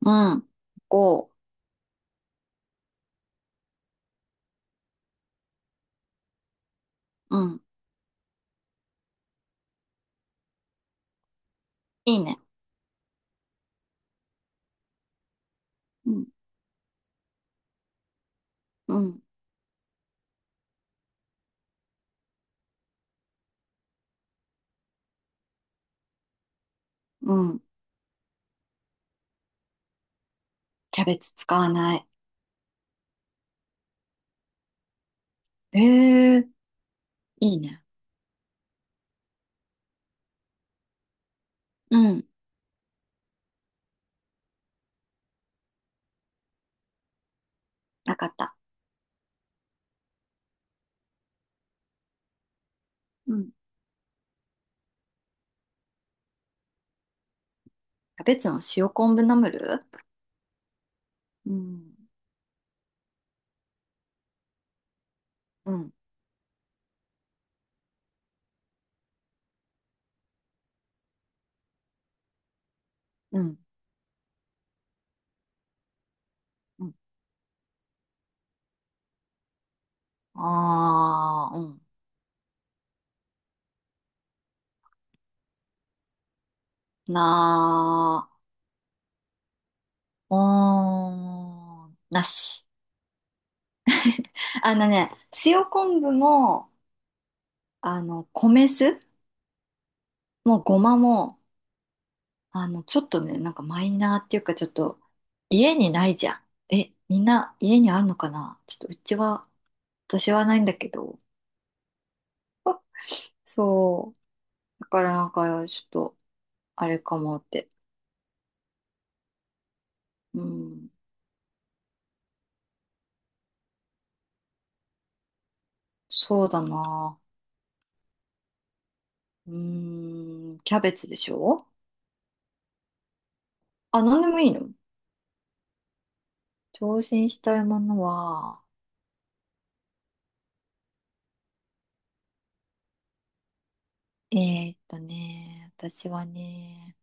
うん、5。うん、いいね。うん、うん、うん。キャベツ使わない。ええ、いいね。うん、なかった。うん。キャベツの塩昆布ナムル。うん、うん、うん、うん。あー、うん。なー、おーん、なし。あのね、塩昆布も、米酢もごまも、ちょっとね、なんかマイナーっていうか、ちょっと、家にないじゃん。え、みんな家にあるのかな。ちょっとうちは、私はないんだけど。そう。だからなんか、ちょっと、あれかもって。うん。そうだな。うーん。キャベツでしょ？あ、なんでもいいの？挑戦したいものは、え私はね、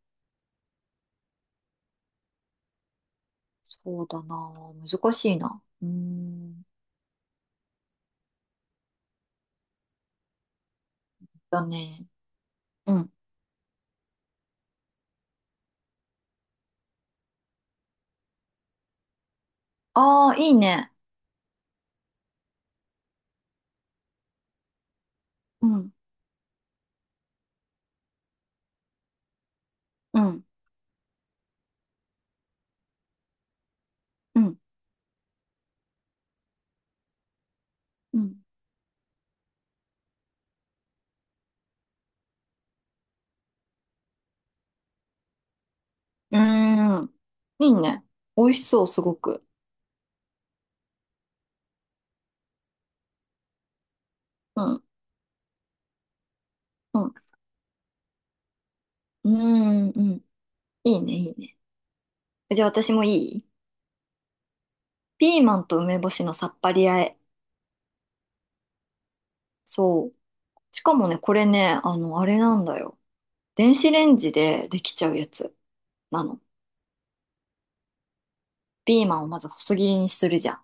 そうだな。難しいな。うーん。だね。うん。ああ、いいね。うん。うんうん。うん。うーん。いいね。美味しそう、すごく。うん。うん。うーん。うん。いいね、いいね。じゃあ私もいい？ピーマンと梅干しのさっぱり和え。そう。しかもね、これね、あれなんだよ。電子レンジでできちゃうやつなの。ピーマンをまず細切りにするじゃん。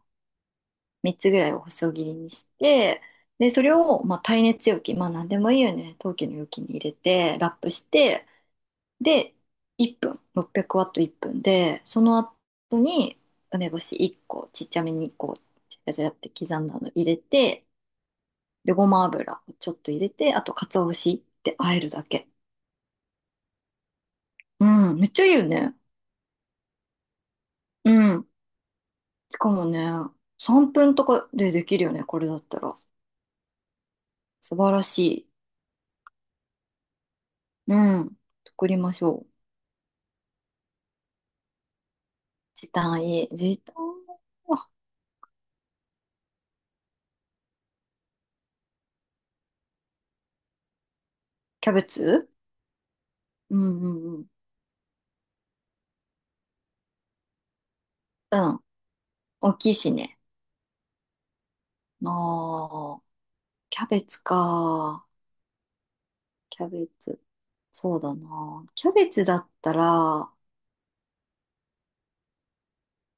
3つぐらいを細切りにして、で、それを、まあ、耐熱容器、まあ、なんでもいいよね。陶器の容器に入れて、ラップして、で、1分、600ワット1分で、その後に梅干し1個、ちっちゃめにこう、ちゃちゃちゃって刻んだの入れて、で、ごま油をちょっと入れて、あと、鰹節って和えるだけ。うん、めっちゃいいよね。うん。しかもね、3分とかでできるよね、これだったら。素晴らしい。うん。作りましょう。時短いい。時短は。あ、キャベツ。うんうんうん。うん。大きいしね。ああ。キャベツか。キャベツ。そうだな。キャベツだったら、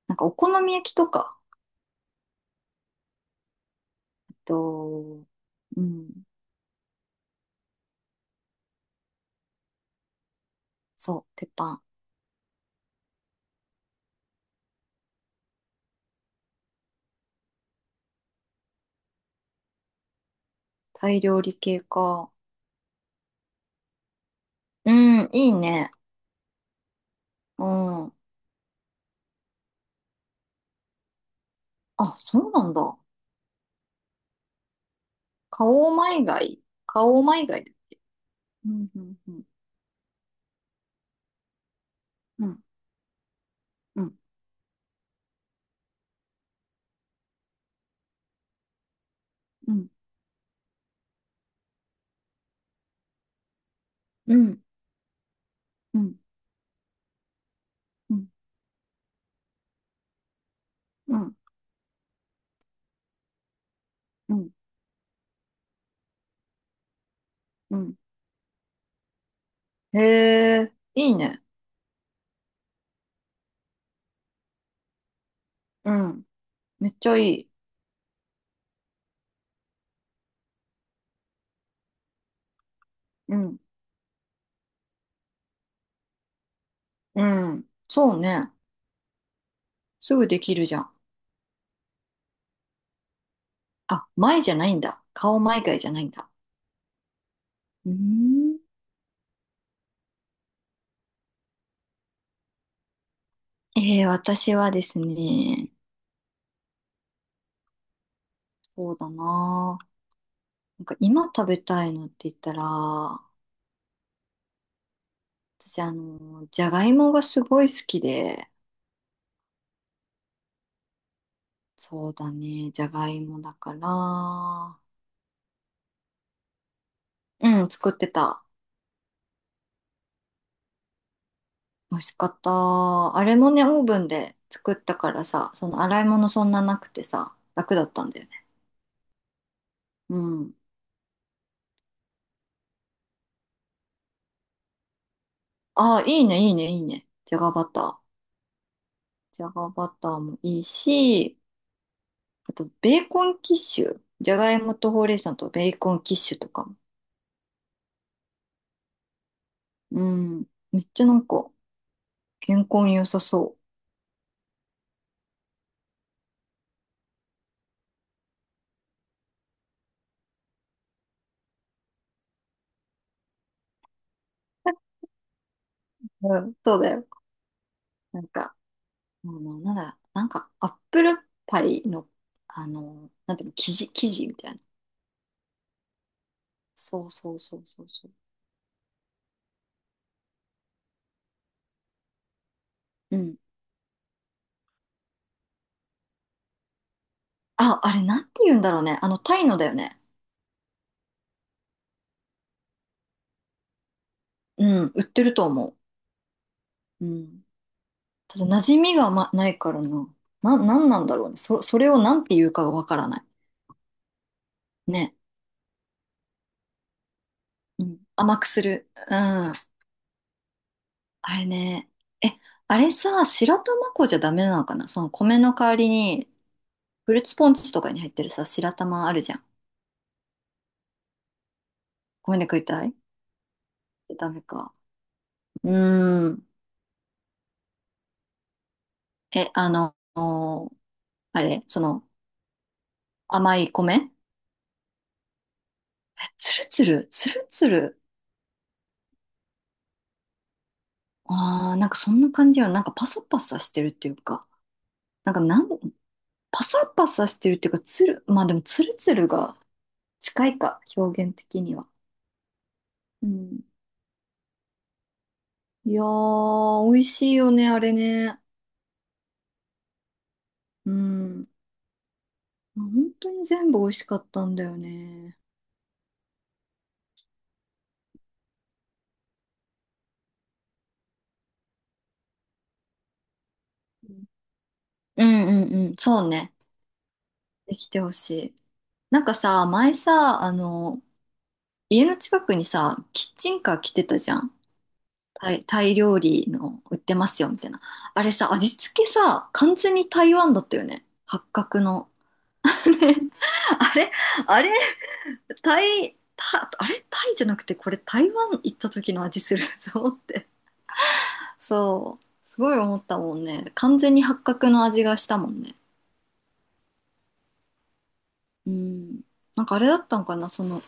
なんかお好み焼きとか。えっと、うん。そう、鉄板。タイ料理系か。うん、いいね。うん。あ、そうなんだ。カオマイガイ。カオマイガイだ。うん、うん、うん。うん、うん、うん、うん、うん、うん、うん、うん。うん。へえ、いいね。うん。めっちゃいい。うん、うん。そうね。すぐできるじゃん。あ、前じゃないんだ。顔前外じゃないんだ。うーん。私はですね、そうだなあ。なんか今食べたいのって言ったら、私、じゃがいもがすごい好きで、そうだね、じゃがいもだから、うん、作ってた。美味しかった。あれもね、オーブンで作ったからさ、その洗い物そんななくてさ、楽だったんだよね。うん。ああ、いいね、いいね、いいね。じゃがバター。じゃがバターもいいし、あと、ベーコンキッシュ。じゃがいもとほうれい草とベーコンキッシュとかも。うん。めっちゃなんか、健康に良さそう。うん、そうだよ。なんか、なんだ、なんか、アップルパイの、なんていうの、生地みたいな。そうそうそうそうそう。うん。あ、あれ、なんて言うんだろうね。タイのだよね。うん、売ってると思う。うん。ただ、馴染みが、ま、ないからな。なんなんだろうね。それをなんて言うかがわからない。ね。うん、甘くする。うん。あれね。え、あれさ、白玉粉じゃダメなのかな、その米の代わりに。フルーツポンチとかに入ってるさ、白玉あるじゃん。米で食いたい？ダメか。うーん。え、あの、あれ、その、甘い米。え、つるつる、つるつる。ああ、なんかそんな感じよ。なんかパサパサしてるっていうか。なんかなん、パサパサしてるっていうか、まあでもつるつるが近いか、表現的には。うん。いやー、美味しいよね、あれね。うん。本当に全部美味しかったんだよね。うんうんうんうん、そうね。できてほしい。なんかさ、前さ、家の近くにさ、キッチンカー来てたじゃん。タイ料理の売ってますよ、みたいな。あれさ、味付けさ、完全に台湾だったよね。八角の。あれ、あれ、タイ、タ、あれ、タイじゃなくて、これ台湾行った時の味するぞって。そう。すごい思ったもんね。完全に八角の味がしたもんね。うん。なんかあれだったのかな、その、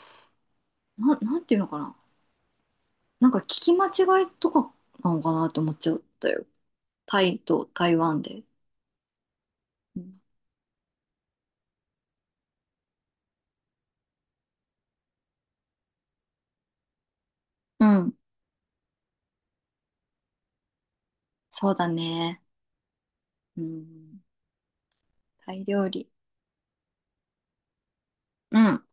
な、なんていうのかな。なんか聞き間違いとかなのかなって思っちゃったよ。タイと台湾で。うん。うん。そうだね。うん。タイ料理。うん。